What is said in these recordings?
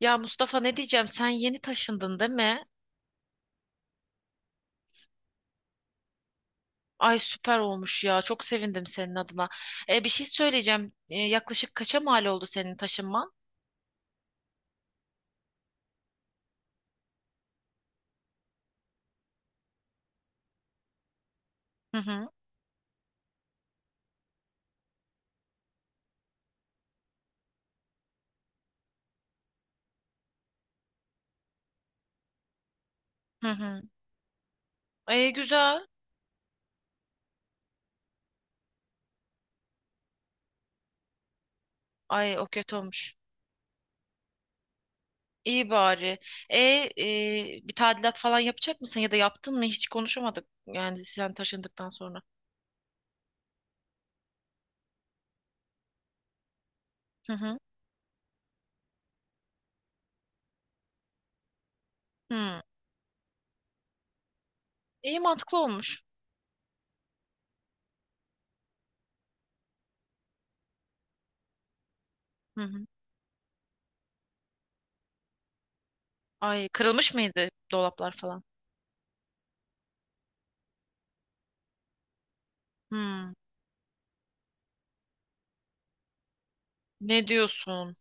Ya Mustafa, ne diyeceğim, sen yeni taşındın değil mi? Ay, süper olmuş ya, çok sevindim senin adına. Bir şey söyleyeceğim. Yaklaşık kaça mal oldu senin taşınman? Hı hı, hı hı. Güzel. Ay, o kötü olmuş. İyi bari. Bir tadilat falan yapacak mısın ya da yaptın mı? Hiç konuşamadık yani sen taşındıktan sonra. Hı hı. Hı. İyi, mantıklı olmuş. Hı hı. Ay, kırılmış mıydı dolaplar falan? Hı. Ne diyorsun?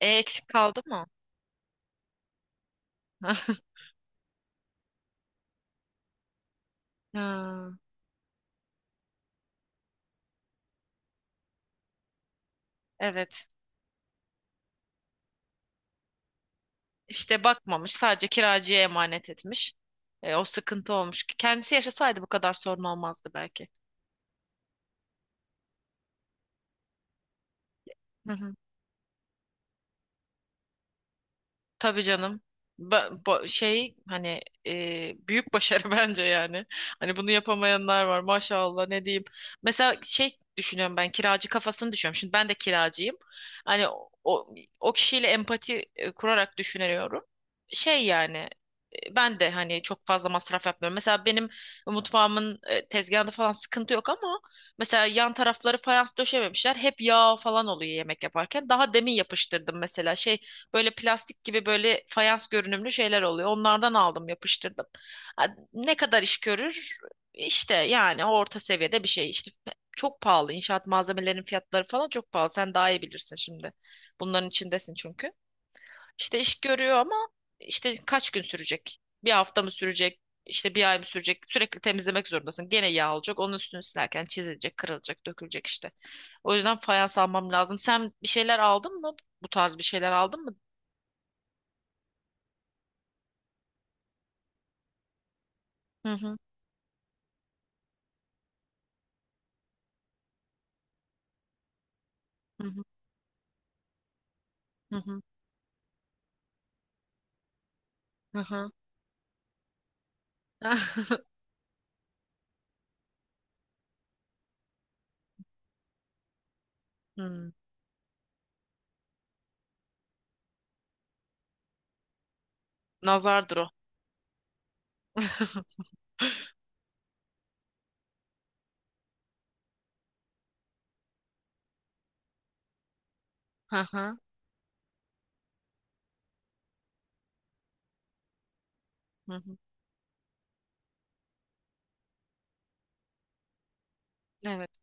Eksik kaldı mı? Ha. Evet. İşte bakmamış. Sadece kiracıya emanet etmiş. O sıkıntı olmuş. Kendisi yaşasaydı bu kadar sorun olmazdı belki. Hı hı. Tabii canım. Ba ba- şey, hani büyük başarı bence yani. Hani bunu yapamayanlar var, maşallah, ne diyeyim. Mesela şey düşünüyorum, ben kiracı kafasını düşünüyorum. Şimdi ben de kiracıyım. Hani o kişiyle empati kurarak düşünüyorum. Şey yani ben de hani çok fazla masraf yapmıyorum. Mesela benim mutfağımın tezgahında falan sıkıntı yok ama mesela yan tarafları fayans döşememişler. Hep yağ falan oluyor yemek yaparken. Daha demin yapıştırdım mesela şey, böyle plastik gibi, böyle fayans görünümlü şeyler oluyor. Onlardan aldım, yapıştırdım. Ha, ne kadar iş görür? İşte yani orta seviyede bir şey. İşte çok pahalı. İnşaat malzemelerinin fiyatları falan çok pahalı. Sen daha iyi bilirsin şimdi. Bunların içindesin çünkü. İşte iş görüyor ama işte kaç gün sürecek? Bir hafta mı sürecek? İşte bir ay mı sürecek? Sürekli temizlemek zorundasın. Gene yağ olacak. Onun üstünü silerken çizilecek, kırılacak, dökülecek işte. O yüzden fayans almam lazım. Sen bir şeyler aldın mı? Bu tarz bir şeyler aldın mı? Hı hı, hı hı, hı hı. Hı. Hmm. Nazardır o. Hı hı, hı hı. Evet.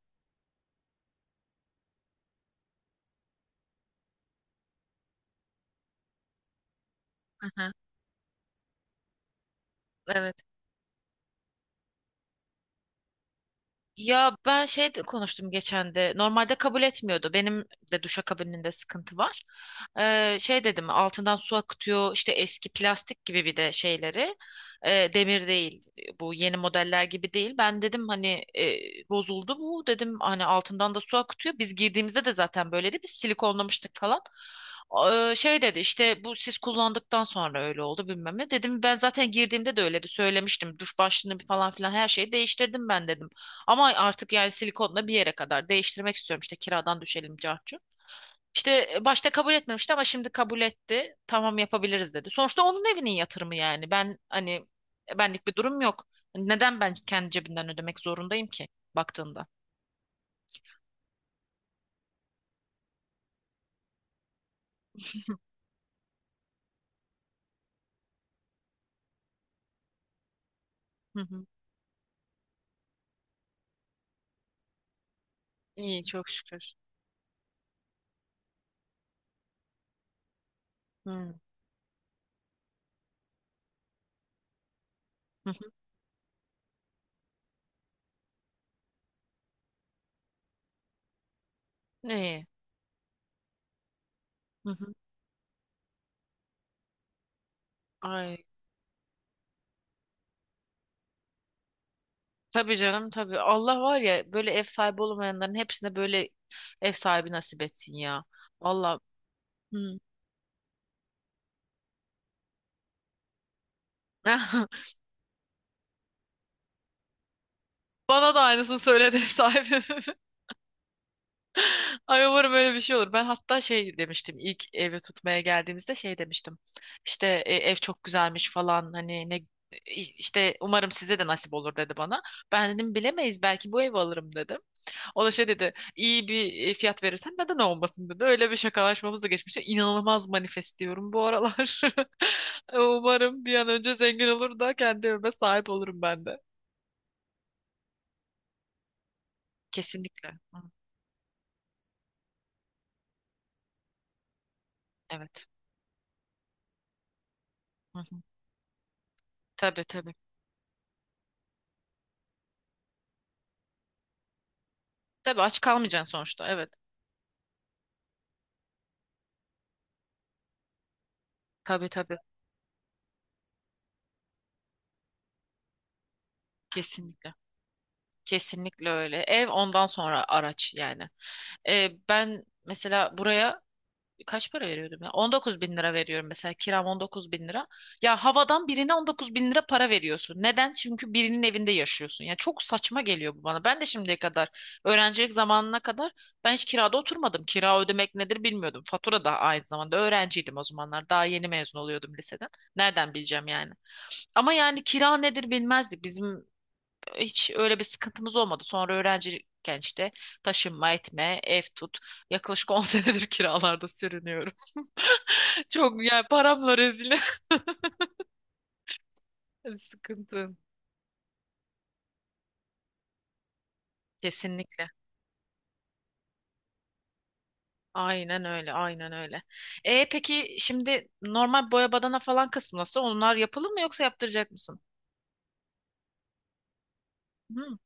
Hı hı. Evet. Ya, ben şey de konuştum geçen de. Normalde kabul etmiyordu. Benim de duşakabininde sıkıntı var. Şey dedim, altından su akıtıyor işte, eski plastik gibi bir de şeyleri. Demir değil. Bu yeni modeller gibi değil. Ben dedim hani, e, bozuldu bu. Dedim hani altından da su akıtıyor. Biz girdiğimizde de zaten böyleydi. Biz silikonlamıştık falan. Şey dedi işte, bu siz kullandıktan sonra öyle oldu bilmem ne. Dedim ben zaten girdiğimde de öyleydi. Söylemiştim. Duş başlığını falan filan her şeyi değiştirdim ben dedim. Ama artık yani silikonla bir yere kadar değiştirmek istiyorum, işte kiradan düşelim cartçu. İşte başta kabul etmemişti ama şimdi kabul etti. Tamam yapabiliriz dedi. Sonuçta onun evinin yatırımı yani. Ben hani benlik bir durum yok. Hani neden ben kendi cebimden ödemek zorundayım ki baktığında? Hı hı. İyi, çok şükür. Hı. Hı hı. İyi. Hı hı. Ay. Tabii canım, tabii. Allah var ya, böyle ev sahibi olamayanların hepsine böyle ev sahibi nasip etsin ya. Valla. Hı. Bana da aynısını söyledi ev sahibim. Ay, umarım öyle bir şey olur. Ben hatta şey demiştim ilk evi tutmaya geldiğimizde, şey demiştim. İşte ev çok güzelmiş falan, hani ne, işte umarım size de nasip olur dedi bana. Ben dedim bilemeyiz, belki bu evi alırım dedim. O da şey dedi, iyi bir fiyat verirsen neden olmasın dedi. Öyle bir şakalaşmamız da geçmişti. İnanılmaz manifest diyorum bu aralar. Umarım bir an önce zengin olur da kendi evime sahip olurum ben de. Kesinlikle. Hı, evet. Hı hı. Tabii tabii. Tabii aç kalmayacaksın sonuçta. Evet. Tabii tabii. Kesinlikle. Kesinlikle öyle. Ev, ondan sonra araç yani. Ben mesela buraya kaç para veriyordum ya? 19 bin lira veriyorum mesela. Kiram 19 bin lira. Ya havadan birine 19 bin lira para veriyorsun. Neden? Çünkü birinin evinde yaşıyorsun. Yani çok saçma geliyor bu bana. Ben de şimdiye kadar, öğrencilik zamanına kadar ben hiç kirada oturmadım. Kira ödemek nedir bilmiyordum. Fatura da, aynı zamanda öğrenciydim o zamanlar. Daha yeni mezun oluyordum liseden. Nereden bileceğim yani? Ama yani kira nedir bilmezdik. Bizim hiç öyle bir sıkıntımız olmadı. Sonra öğrenciyken işte taşınma etme, ev tut. Yaklaşık 10 senedir kiralarda sürünüyorum. Çok yani, paramla rezil. Sıkıntı. Kesinlikle. Aynen öyle, aynen öyle. Peki şimdi normal boya badana falan kısmı nasıl? Onlar yapılır mı, yoksa yaptıracak mısın? Hı.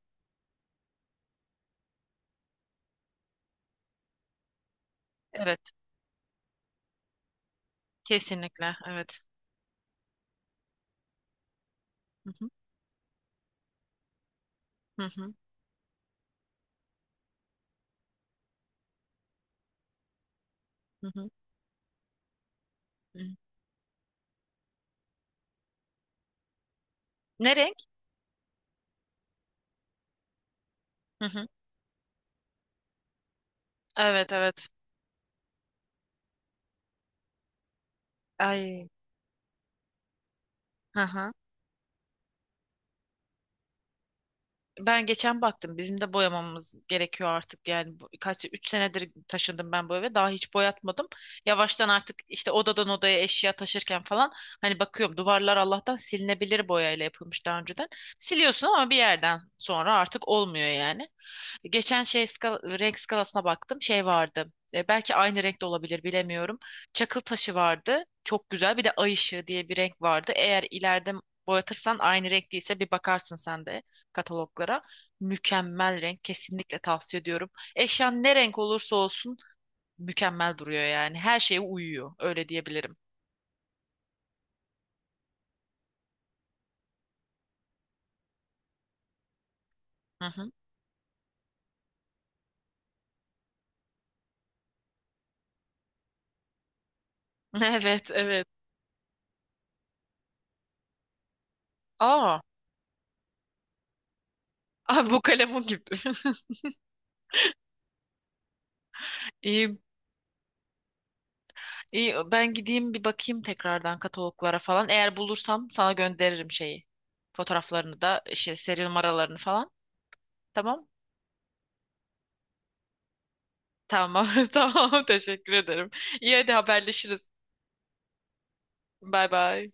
Evet, kesinlikle, evet. Hı hı, hı hı, hı hı. Hı hı. Ne renk? Hı hı. Evet, evet. Ay. Hı hı. Ben geçen baktım. Bizim de boyamamız gerekiyor artık. Yani kaç 3 senedir taşındım ben bu eve. Daha hiç boyatmadım. Yavaştan artık işte odadan odaya eşya taşırken falan, hani bakıyorum, duvarlar Allah'tan silinebilir boyayla yapılmış daha önceden. Siliyorsun ama bir yerden sonra artık olmuyor yani. Geçen şey renk skalasına baktım. Şey vardı. Belki aynı renkte olabilir, bilemiyorum. Çakıl taşı vardı. Çok güzel. Bir de ay ışığı diye bir renk vardı. Eğer ileride boyatırsan aynı renk değilse bir bakarsın sen de kataloglara. Mükemmel renk. Kesinlikle tavsiye ediyorum. Eşyan ne renk olursa olsun mükemmel duruyor yani. Her şeye uyuyor. Öyle diyebilirim. Hı hı. Evet, evet. Aa, aa, bu kalemun gibi. İyi, İyi, ben gideyim bir bakayım tekrardan kataloglara falan. Eğer bulursam sana gönderirim şeyi. Fotoğraflarını da, işte seri numaralarını falan. Tamam? Tamam. Tamam. Teşekkür ederim. İyi, hadi haberleşiriz. Bay bay.